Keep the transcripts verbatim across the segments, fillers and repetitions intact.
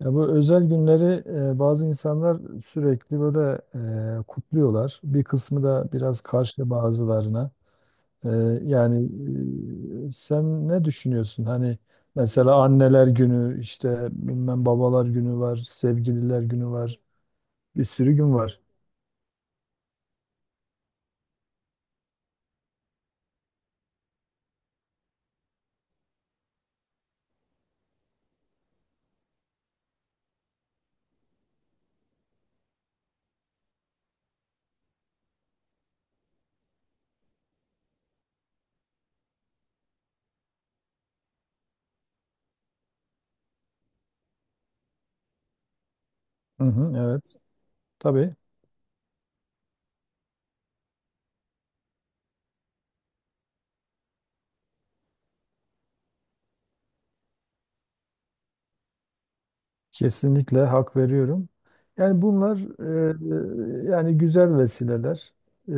Ya bu özel günleri e, bazı insanlar sürekli böyle e, kutluyorlar. Bir kısmı da biraz karşı bazılarına. E, yani e, sen ne düşünüyorsun? Hani mesela anneler günü, işte bilmem babalar günü var, sevgililer günü var, bir sürü gün var. Hı hı, evet. Tabii. Kesinlikle hak veriyorum. Yani bunlar e, yani güzel vesileler. E,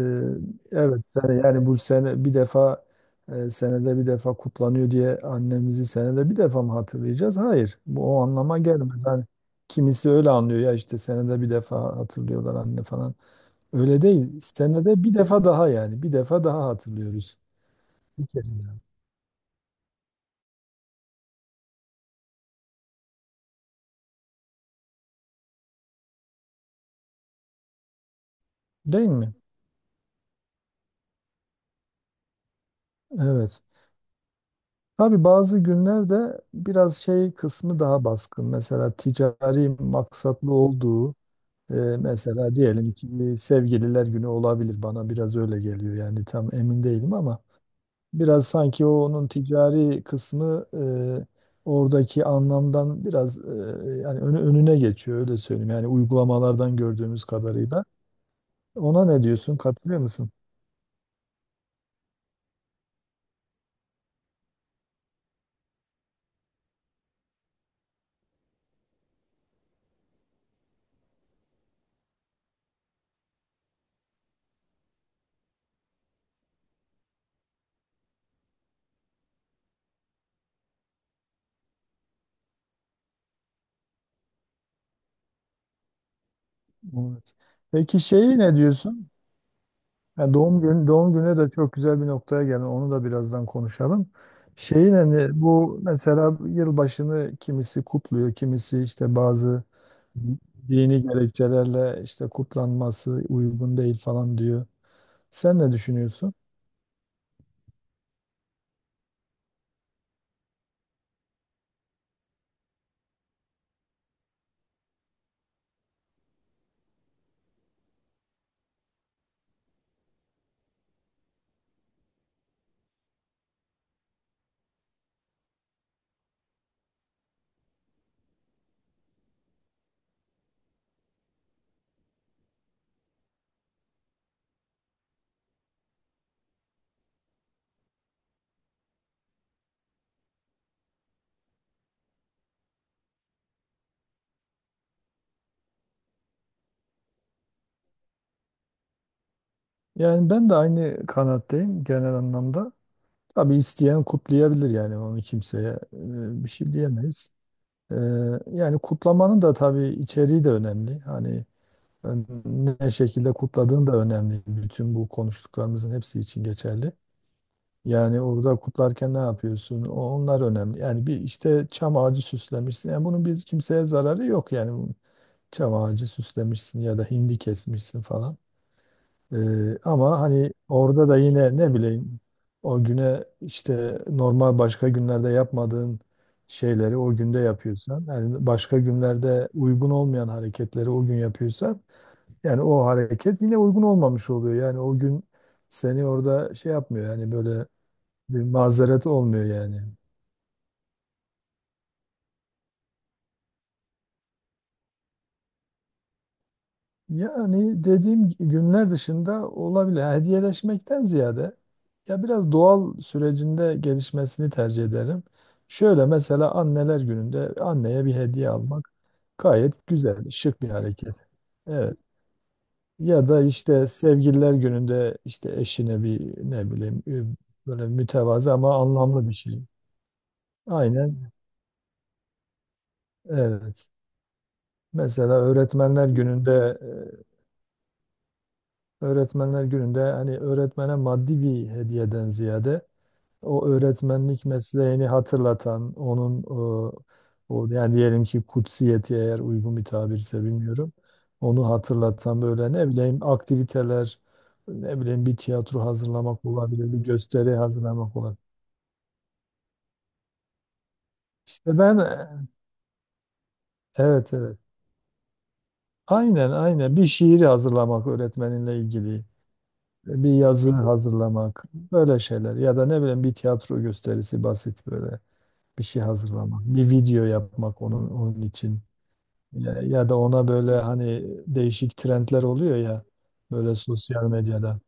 evet sene yani bu sene bir defa e, senede bir defa kutlanıyor diye annemizi senede bir defa mı hatırlayacağız? Hayır. Bu o anlama gelmez. Hani kimisi öyle anlıyor ya işte senede bir defa hatırlıyorlar anne falan. Öyle değil. Senede bir defa daha yani bir defa daha hatırlıyoruz. Değil mi? Evet. Tabii bazı günlerde biraz şey kısmı daha baskın. Mesela ticari maksatlı olduğu, e, mesela diyelim ki sevgililer günü olabilir. Bana biraz öyle geliyor yani tam emin değilim ama biraz sanki o onun ticari kısmı e, oradaki anlamdan biraz e, yani önü- önüne geçiyor öyle söyleyeyim. Yani uygulamalardan gördüğümüz kadarıyla. Ona ne diyorsun? Katılıyor musun? Evet. Peki şeyi ne diyorsun? Yani doğum gün doğum gününe de çok güzel bir noktaya gelin. Onu da birazdan konuşalım. Şeyin hani bu mesela yılbaşını kimisi kutluyor, kimisi işte bazı dini gerekçelerle işte kutlanması uygun değil falan diyor. Sen ne düşünüyorsun? Yani ben de aynı kanaatteyim genel anlamda. Tabii isteyen kutlayabilir yani onu kimseye e, bir şey diyemeyiz. E, Yani kutlamanın da tabii içeriği de önemli. Hani ne şekilde kutladığın da önemli. Bütün bu konuştuklarımızın hepsi için geçerli. Yani orada kutlarken ne yapıyorsun? O- Onlar önemli. Yani bir işte çam ağacı süslemişsin. Yani bunun bir kimseye zararı yok yani. Çam ağacı süslemişsin ya da hindi kesmişsin falan. Ee, ama hani orada da yine ne bileyim o güne işte normal başka günlerde yapmadığın şeyleri o günde yapıyorsan, yani başka günlerde uygun olmayan hareketleri o gün yapıyorsan yani o hareket yine uygun olmamış oluyor. Yani o gün seni orada şey yapmıyor yani böyle bir mazeret olmuyor yani. Yani dediğim günler dışında olabilir. Yani hediyeleşmekten ziyade ya biraz doğal sürecinde gelişmesini tercih ederim. Şöyle mesela anneler gününde anneye bir hediye almak gayet güzel, şık bir hareket. Evet. Ya da işte sevgililer gününde işte eşine bir ne bileyim e, böyle mütevazı ama anlamlı bir şey. Aynen. Evet. Mesela öğretmenler gününde e, öğretmenler gününde hani öğretmene maddi bir hediyeden ziyade o öğretmenlik mesleğini hatırlatan onun e, o yani diyelim ki kutsiyeti eğer uygun bir tabirse bilmiyorum. Onu hatırlatan böyle ne bileyim aktiviteler ne bileyim bir tiyatro hazırlamak olabilir, bir gösteri hazırlamak olabilir. İşte ben e, evet, evet. Aynen aynen, bir şiiri hazırlamak öğretmeninle ilgili. Bir yazı hazırlamak, böyle şeyler ya da ne bileyim bir tiyatro gösterisi basit böyle bir şey hazırlamak, bir video yapmak onun onun için ya, ya da ona böyle hani değişik trendler oluyor ya böyle sosyal medyada.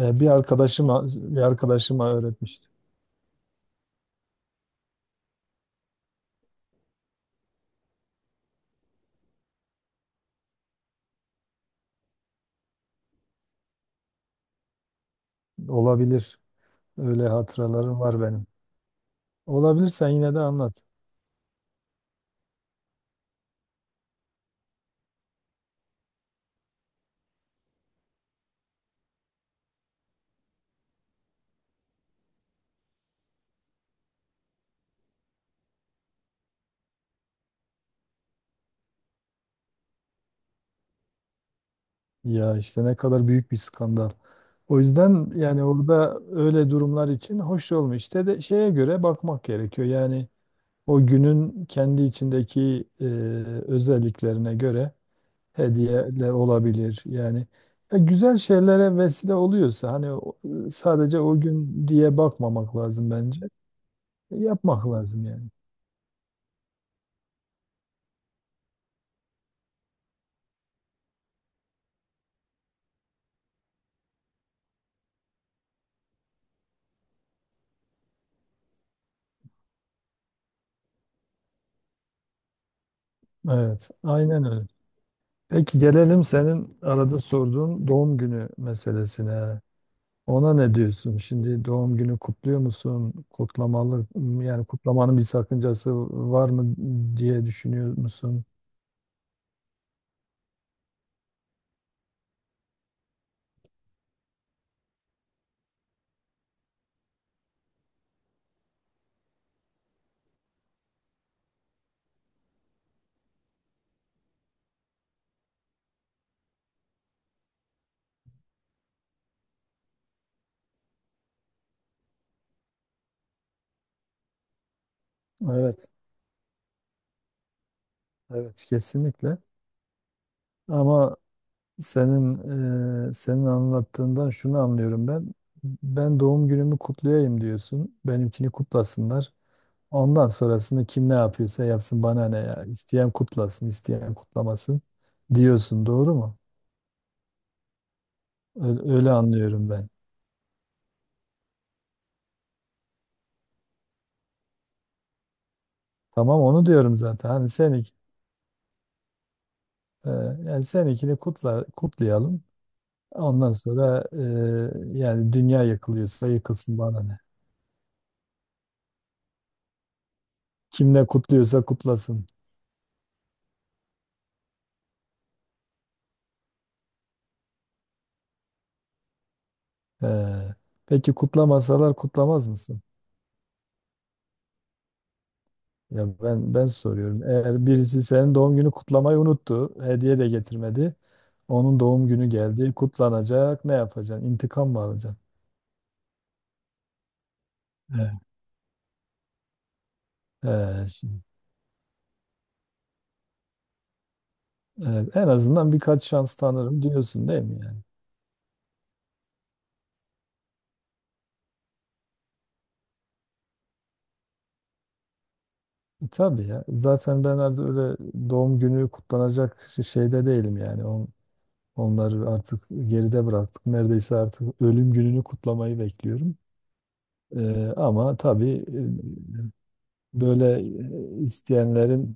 E, bir arkadaşım bir arkadaşıma öğretmişti. Olabilir. Öyle hatıralarım var benim. Olabilirsen yine de anlat. Ya işte ne kadar büyük bir skandal. O yüzden yani orada öyle durumlar için hoş olmuş. İşte de şeye göre bakmak gerekiyor. Yani o günün kendi içindeki e, özelliklerine göre hediyeler olabilir. Yani ya güzel şeylere vesile oluyorsa hani o- e, sadece o gün diye bakmamak lazım bence. E, Yapmak lazım yani. Evet, aynen öyle. Peki gelelim senin arada sorduğun doğum günü meselesine. Ona ne diyorsun? Şimdi doğum günü kutluyor musun? Kutlamalı yani kutlamanın bir sakıncası var mı diye düşünüyor musun? Evet, evet kesinlikle. Ama senin e, senin anlattığından şunu anlıyorum ben. Ben doğum günümü kutlayayım diyorsun. Benimkini kutlasınlar. Ondan sonrasını kim ne yapıyorsa yapsın bana ne ya. İsteyen kutlasın, isteyen kutlamasın diyorsun. Doğru mu? Öyle, öyle anlıyorum ben. Tamam onu diyorum zaten. Hani sen Ee, Yani seninkini kutla, kutlayalım. Ondan sonra e, yani dünya yakılıyorsa yakılsın bana ne. Kim ne kutluyorsa kutlasın. Ee, peki kutlamasalar kutlamaz mısın? Ya ben ben soruyorum. Eğer birisi senin doğum günü kutlamayı unuttu, hediye de getirmedi. Onun doğum günü geldi, kutlanacak. Ne yapacaksın? İntikam mı alacaksın? Evet. Ee, şimdi, evet, en azından birkaç şans tanırım diyorsun değil mi yani? E, Tabii ya. Zaten ben artık öyle doğum günü kutlanacak şey- şeyde değilim yani. On, onları artık geride bıraktık. Neredeyse artık ölüm gününü kutlamayı bekliyorum. Ee, ama tabii e, böyle e, isteyenlerin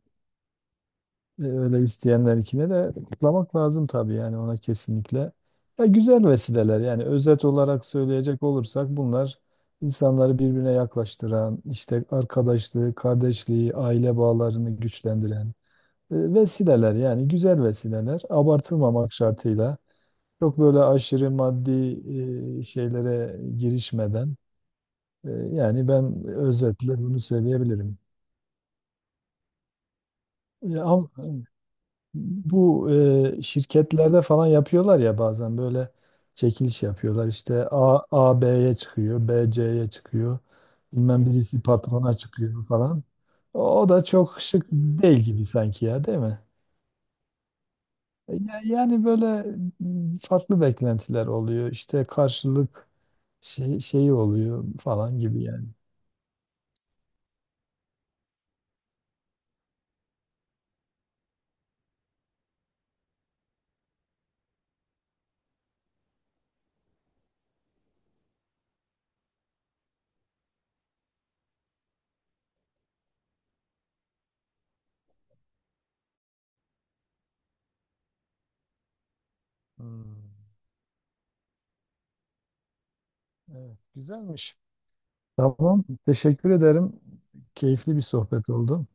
e, öyle isteyenlerinkine de kutlamak lazım tabii yani ona kesinlikle. Ya güzel vesileler yani özet olarak söyleyecek olursak bunlar insanları birbirine yaklaştıran, işte arkadaşlığı, kardeşliği, aile bağlarını güçlendiren E, Vesileler yani güzel vesileler abartılmamak şartıyla çok böyle aşırı maddi e, şeylere girişmeden e, yani ben özetle bunu söyleyebilirim. E, am- bu e, şirketlerde falan yapıyorlar ya bazen böyle çekiliş yapıyorlar işte A, A be'ye çıkıyor be ce'ye çıkıyor bilmem birisi patrona çıkıyor falan. O da çok şık değil gibi sanki ya değil mi? Ya- Yani böyle farklı beklentiler oluyor. İşte karşılık şey, şeyi oluyor falan gibi yani. Hmm, evet, güzelmiş. Tamam. Teşekkür ederim. Keyifli bir sohbet oldu.